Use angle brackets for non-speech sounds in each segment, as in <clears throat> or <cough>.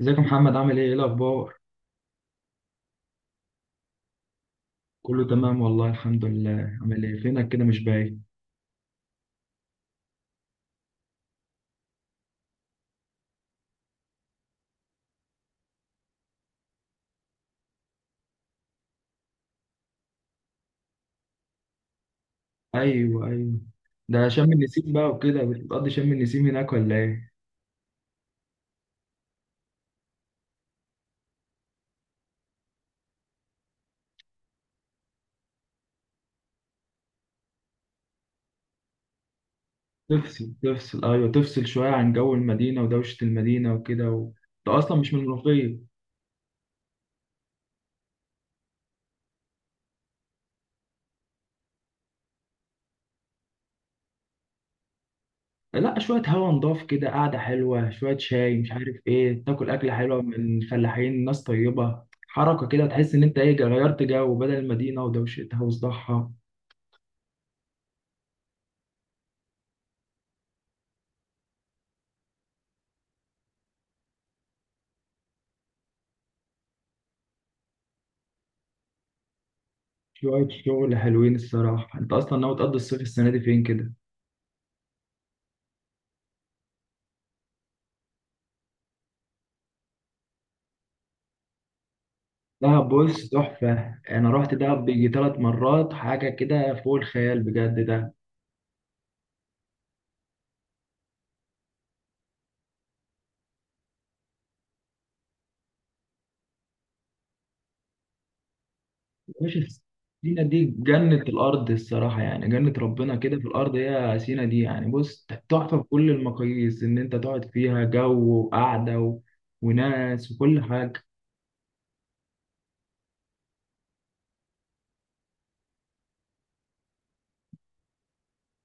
ازيك يا محمد، عامل ايه الاخبار؟ كله تمام والله، الحمد لله. عامل ايه؟ فينك كده مش باين؟ ايوه، ايوه. ده شم النسيم بقى وكده، بتقضي شم النسيم هناك ولا ايه؟ تفصل شويه عن جو المدينه ودوشه المدينه وكده و... انت اصلا مش من المنوفيه؟ لا، شويه هوا نضاف كده، قعده حلوه، شويه شاي، مش عارف ايه، تاكل اكله حلوه من الفلاحين، ناس طيبه. حركه كده تحس ان انت ايه، غيرت جو بدل المدينه ودوشتها وصداعها. شوية شغل حلوين الصراحة. انت اصلا ناوي تقضي الصيف السنة دي فين كده؟ دهب بص تحفة، انا رحت دهب بيجي ثلاث مرات، حاجة كده فوق الخيال بجد ده. باشا، سينا دي جنة الارض الصراحة يعني، جنة ربنا كده في الارض هي سينا دي يعني. بص تحفة بكل المقاييس، ان انت تقعد فيها جو وقعدة و... وناس وكل حاجة.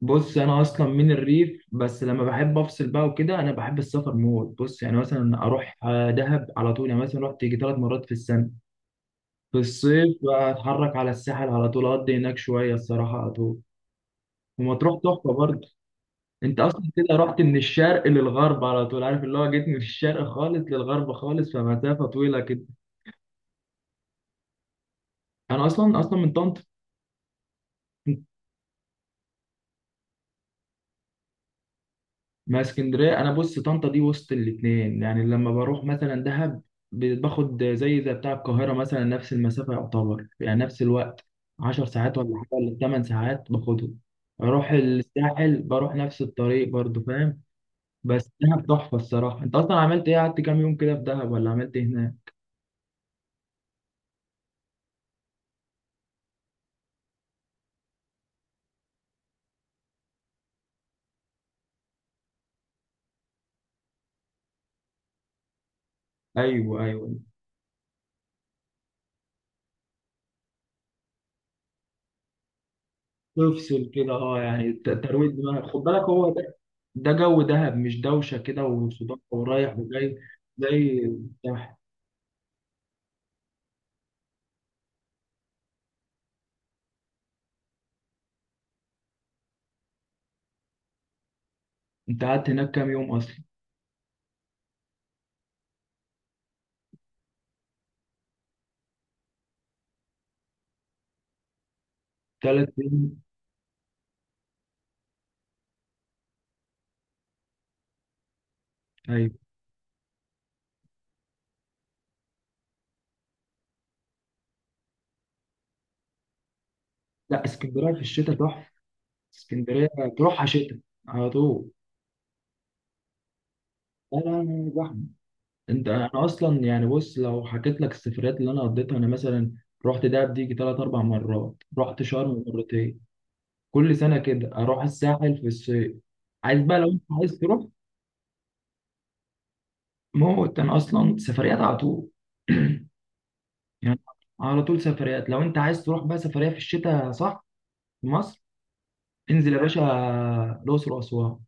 بص، انا اصلا من الريف، بس لما بحب افصل بقى وكده انا بحب السفر موت. بص يعني مثلا اروح دهب على طول، يعني مثلا رحت يجي ثلاث مرات في السنه. في الصيف اتحرك على الساحل على طول، اقضي هناك شويه الصراحه على طول. ومطروح تحفه برضه. انت اصلا كده رحت من الشرق للغرب على طول، عارف اللي هو جيت من الشرق خالص للغرب خالص، فمسافه طويله كده. انا اصلا اصلا من طنطا. ما اسكندريه، انا بص طنطا دي وسط الاتنين يعني، لما بروح مثلا دهب باخد زي بتاع القاهره مثلا، نفس المسافه يعتبر، يعني نفس الوقت، 10 ساعات ولا حاجه ولا 8 ساعات باخدهم. اروح الساحل بروح نفس الطريق برضو، فاهم. بس دهب تحفه الصراحه. انت اصلا عملت ايه؟ قعدت كام يوم كده في دهب؟ ولا عملت ايه هناك؟ ايوه، ايوه. تفصل كده، اه يعني ترويج دماغك، خد بالك هو ده. ده جو دهب، مش دوشه كده وصداع ورايح وجاي. زي الساحل. انت قعدت هناك كام يوم اصلا؟ ثلاث ايام. ايوه. لا، اسكندريه في الشتاء تحفه. اسكندريه تروحها شتاء على طول. لا، لا، لا، زحمه. انت انا اصلا يعني، بص لو حكيت لك السفريات اللي انا قضيتها، انا مثلا رحت دهب دي ثلاث اربع مرات، رحت شرم مرتين، كل سنه كده اروح الساحل في الصيف. عايز بقى لو انت عايز تروح موت، انا اصلا سفريات على طول. <clears throat> يعني على طول سفريات. لو انت عايز تروح بقى سفريه في الشتاء صح، في مصر، انزل يا باشا الاقصر واسوان.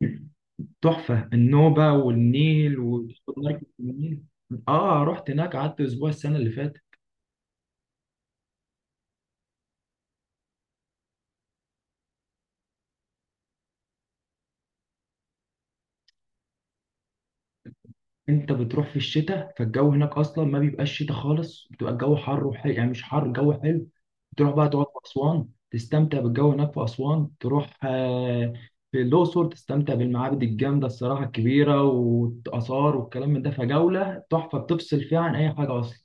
<clears throat> تحفة النوبة والنيل، وتاخد مركب في النيل. اه، رحت هناك قعدت اسبوع السنة اللي فاتت. انت بتروح في الشتاء، فالجو هناك اصلا ما بيبقاش شتاء خالص، بتبقى الجو حر وحلو يعني، مش حر، الجو حلو. تروح بقى تقعد في اسوان، تستمتع بالجو هناك في اسوان. تروح آه في الاقصر، تستمتع بالمعابد الجامدة الصراحة الكبيرة والاثار والكلام من ده، فجولة تحفة بتفصل فيها عن اي حاجة اصلا.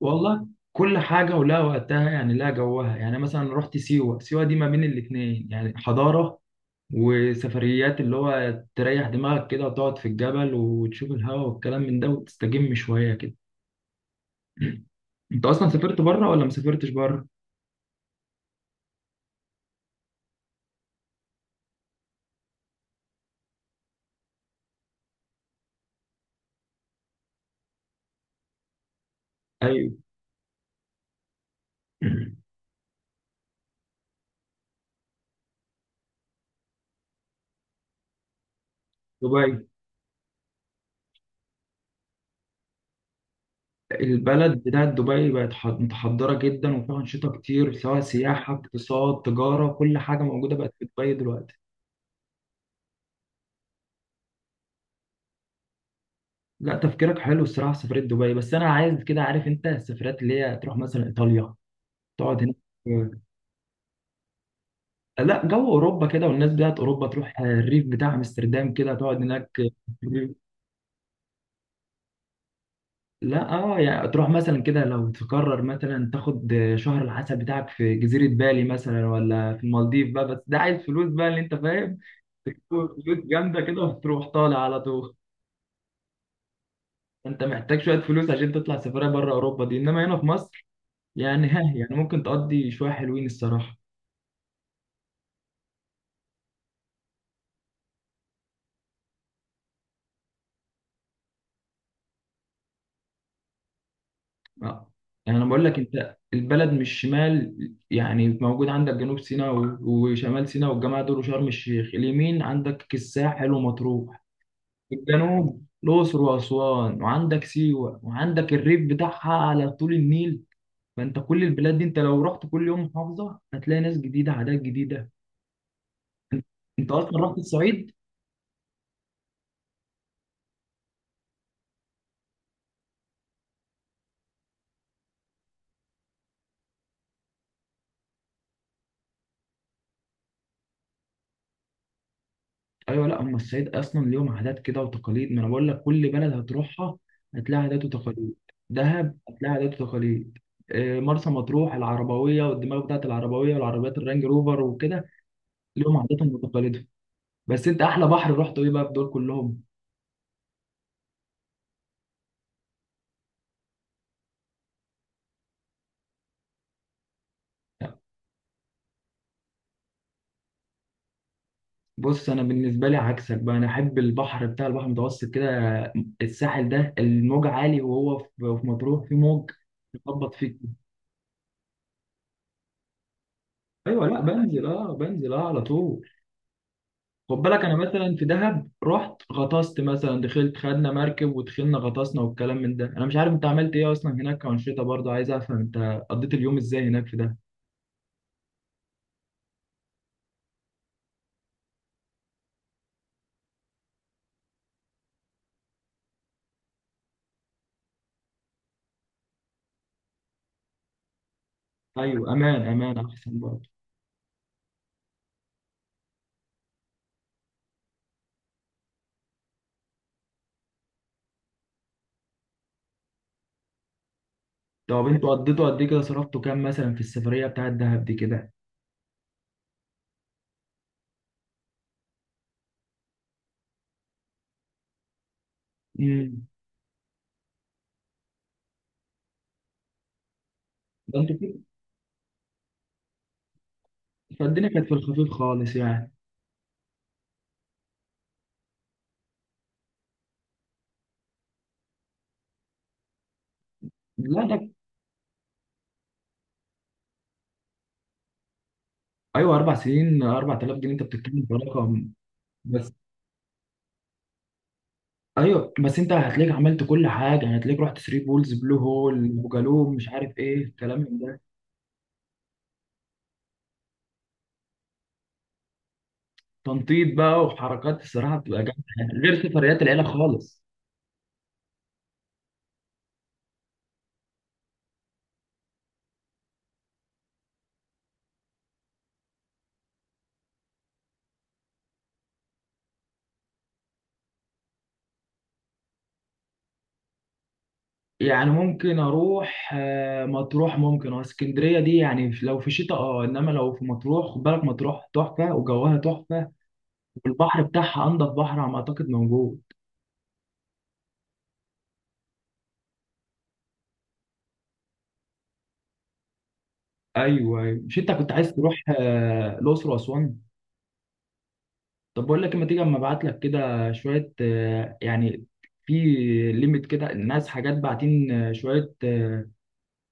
والله كل حاجة ولها وقتها يعني، لها جوها يعني. مثلا رحت سيوة، سيوة دي ما بين الاتنين يعني، حضارة وسفريات اللي هو تريح دماغك كده، وتقعد في الجبل وتشوف الهواء والكلام من ده، وتستجم شوية كده. <clears throat> انت اصلا سافرت بره ولا ما سافرتش بره؟ ايوه. <clears throat> دبي. البلد بتاعت دبي بقت متحضرة جدا، وفيها أنشطة كتير، سواء سياحة اقتصاد تجارة، كل حاجة موجودة بقت في دبي دلوقتي. لا تفكيرك حلو الصراحه في سفريه دبي، بس انا عايز كده، عارف انت السفرات اللي هي تروح مثلا ايطاليا، تقعد هناك آه، لا، جو اوروبا كده، والناس بتاعت اوروبا، تروح الريف بتاع امستردام كده، تقعد هناك في الريف. لا اه يعني تروح مثلا كده، لو تقرر مثلا تاخد شهر العسل بتاعك في جزيره بالي مثلا، ولا في المالديف بقى، بس ده عايز فلوس بقى اللي انت فاهم. فلوس جامده كده وتروح طالع على طول. انت محتاج شويه فلوس عشان تطلع سفريه بره اوروبا دي، انما هنا في مصر يعني ها يعني ممكن تقضي شوية حلوين الصراحة. آه. يعني أنا بقول لك أنت، البلد مش شمال يعني، موجود عندك جنوب سيناء وشمال سيناء والجماعة دول وشرم الشيخ، اليمين عندك الساحل ومطروح، في الجنوب الأقصر وأسوان، وعندك سيوة، وعندك الريف بتاعها على طول النيل. فأنت كل البلاد دي، أنت لو رحت كل يوم محافظة هتلاقي ناس جديدة عادات جديدة. أنت أصلا رحت الصعيد؟ ايوه. لا هم الصعيد اصلا ليهم عادات كده وتقاليد، ما انا بقول لك كل بلد هتروحها هتلاقي عادات وتقاليد. دهب هتلاقي عادات وتقاليد، مرسى مطروح العربويه، والدماغ بتاعت العربويه والعربيات الرانج روفر وكده، ليهم عاداتهم وتقاليدهم. بس انت احلى بحر رحته ايه بقى في دول كلهم؟ بص انا بالنسبه لي عكسك بقى، انا احب البحر بتاع البحر المتوسط كده، الساحل ده الموج عالي، وهو في مطروح في موج يخبط فيك. ايوه. لا، بنزل اه، بنزل اه على طول. خد بالك انا مثلا في دهب رحت غطست مثلا، دخلت خدنا مركب ودخلنا غطسنا والكلام من ده. انا مش عارف انت عملت ايه اصلا هناك كأنشطة، برضه عايز افهم انت قضيت اليوم ازاي هناك في دهب. ايوه، امان امان احسن برضه. طب انتوا قضيتوا قد ايه كده؟ صرفتوا كام مثلا في السفرية بتاعت دهب دي كده؟ امم. ده انتوا كده فالدنيا كانت في الخفيف خالص يعني. لا ده ايوه، اربع سنين 4000 جنيه؟ انت بتتكلم في رقم بس. ايوه بس انت هتلاقيك عملت كل حاجه، يعني هتلاقيك رحت ثري بولز، بلو هول، وجالوب، مش عارف ايه الكلام ده. تنطيط بقى وحركات الصراحه بتبقى جامده، يعني غير سفريات العيله خالص. يعني ممكن اروح مطروح ممكن، واسكندريه دي يعني لو في شتاء اه، انما لو في مطروح خد بالك مطروح تحفه وجوها تحفه، والبحر بتاعها انضف بحر على ما اعتقد موجود. ايوه، ايوه. مش انت كنت عايز تروح الاقصر واسوان؟ طب بقول لك، اما تيجي اما ابعت لك كده شويه يعني، في ليميت كده الناس حاجات باعتين شويه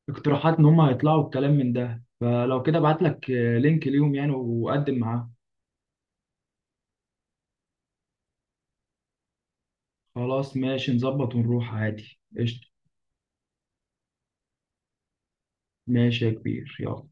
اقتراحات، ان هم هيطلعوا الكلام من ده، فلو كده ابعت لك لينك ليهم يعني، وقدم معاه. خلاص ماشي، نظبط ونروح عادي، قشطة. ماشي يا كبير يلا.